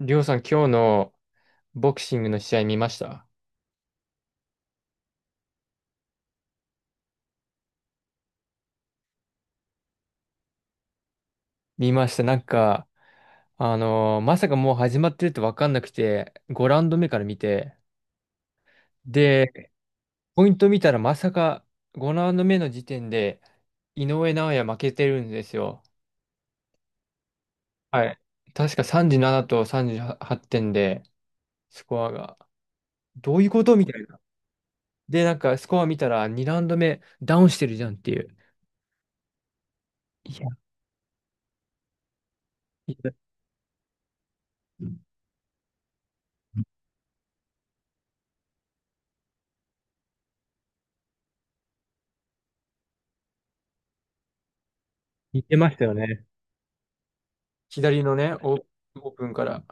りょうさん、今日のボクシングの試合見ました？見ました。なんか、まさかもう始まってると分かんなくて、5ラウンド目から見て、で、ポイント見たらまさか5ラウンド目の時点で、井上尚弥負けてるんですよ。はい。確か37と38点で、スコアが。どういうことみたいな。で、なんかスコア見たら2ラウンド目ダウンしてるじゃんっていう。いや、いや、似てましたよね。左のね、オープンから。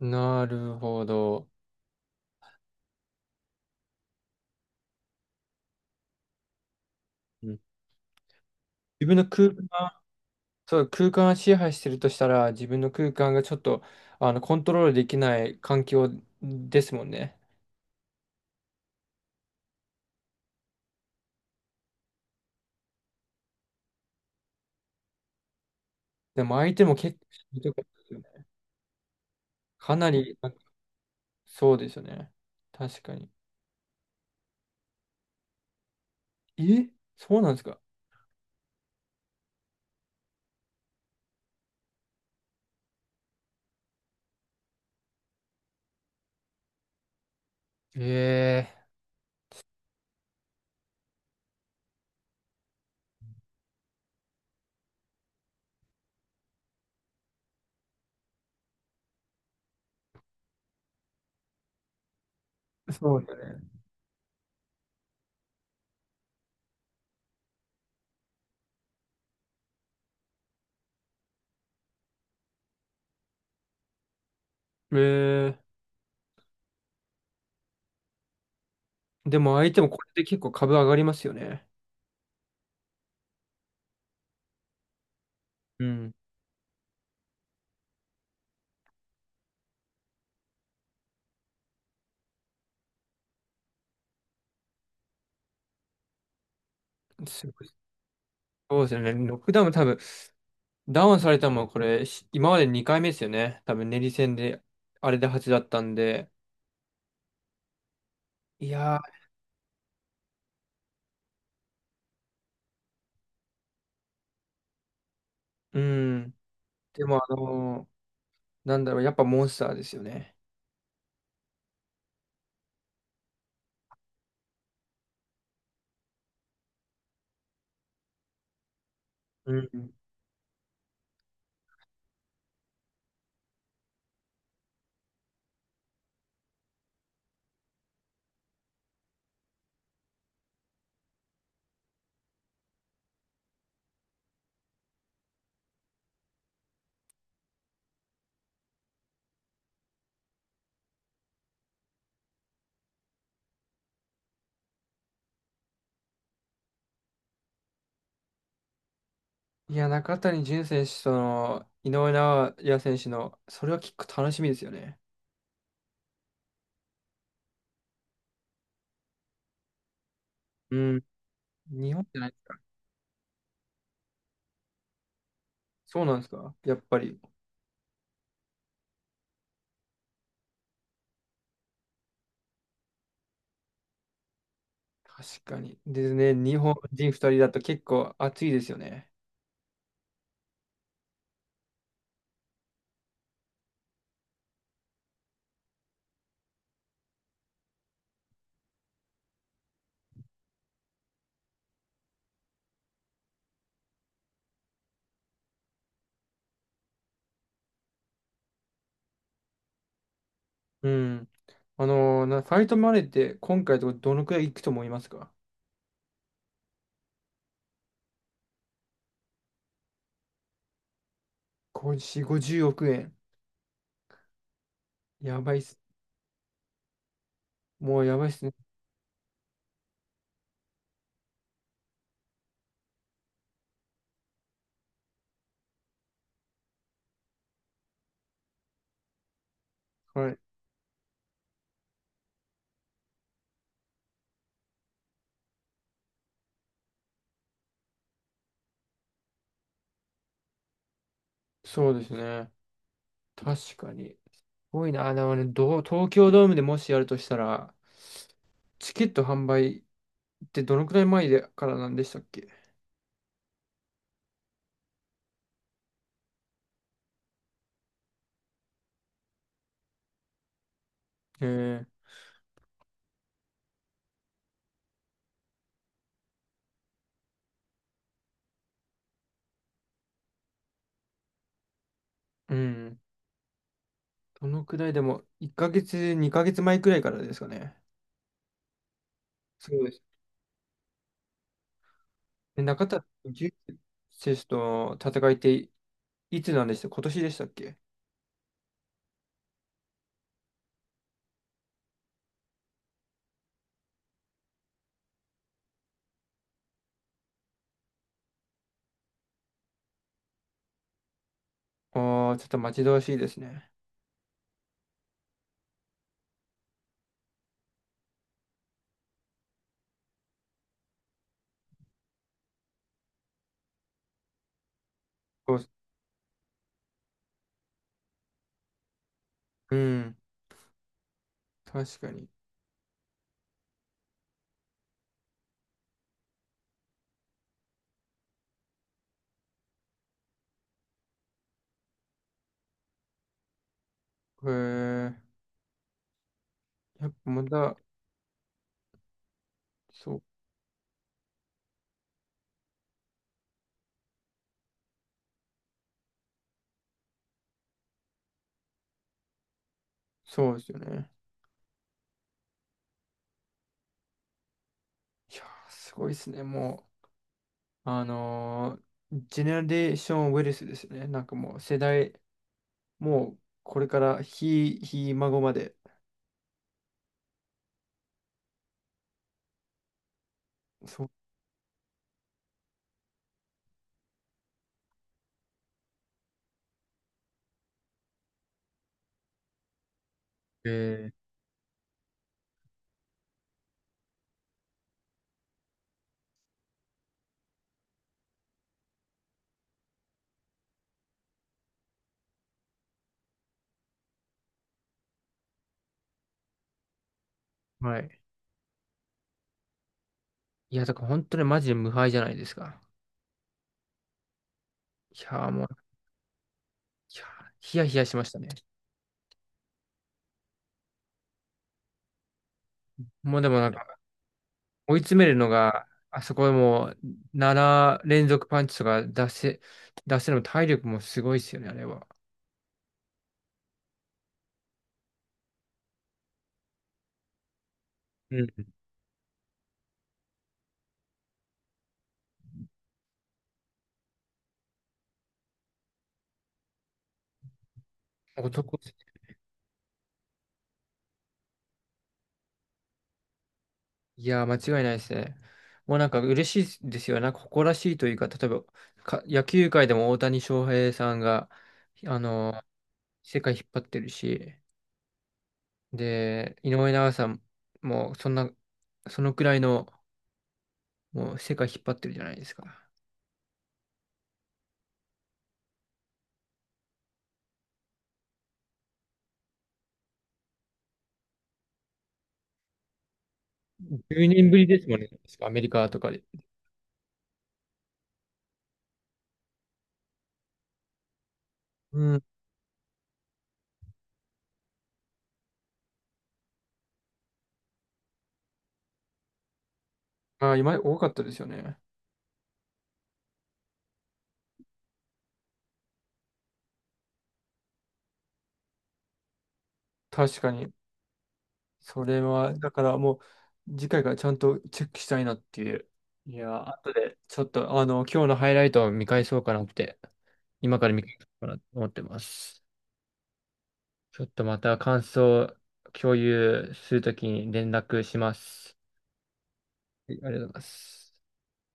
なるほど。うん、自分の空間、そう、空間を支配してるとしたら、自分の空間がちょっと、コントロールできない環境ですもんね。でも相手も結構しんどかったですよね、かなり、あ、そうですよね。確かに。え、そうなんですか？ええ、そうだね。ええ、でも相手もこれで結構株上がりますよね。うん、すごい。そうですよね。ロックダウンも多分ダウンされたのもこれ、し今まで2回目ですよね。多分、練り戦で、あれで8だったんで。いやー、うん。でも、なんだろう、やっぱモンスターですよね。うん。いや、中谷潤選手との井上尚弥選手の、それは結構楽しみですよね。うん。日本じゃないですか。そうなんですか。やっぱり。確かに。ですね、日本人2人だと結構熱いですよね。うん。あのーなファイトマネーって今回とどのくらいいくと思いますか？50、50億円。やばいっす。もうやばいっすね。はい。そうですね。確かに。すごいな。あのね、どう、東京ドームでもしやるとしたら、チケット販売ってどのくらい前でからなんでしたっけ？えー、うん。どのくらいでも、1ヶ月、2ヶ月前くらいからですかね。そうです。で、中田選手と戦いっていつなんでした今年でしたっけ？ああー、ちょっと待ち遠しいですね。そうっす、うん。確かに。へー、やっぱまた、そう、そうですよね。いやー、すごいですね。もう、ジェネレーションウェルスですね。なんかもう世代、もうこれからひ孫まで。そう。えー、はい。いや、だから本当にマジで無敗じゃないですか。いやー、もう、いやー、ヒヤヒヤしましたね。もうでもなんか、追い詰めるのが、あそこでもう、7連続パンチとか、出せるのも体力もすごいですよね、あれは。うん、男いやー、間違いないですね。もうなんか嬉しいですよね。なんか誇らしいというか、例えば、野球界でも大谷翔平さんが、あのー世界引っ張ってるし、で、井上尚弥さんもそんな、そのくらいの、もう世界引っ張ってるじゃないですか。10年ぶりですもんね、確かアメリカとかで。うん。あー、今、多かったですよね。確かに。それは、だからもう、次回からちゃんとチェックしたいなっていう。いやー、後で、ちょっと、今日のハイライトを見返そうかなって、今から見返そうかなと思ってます。ちょっとまた感想を共有するときに連絡します。はい、ありがとうございます。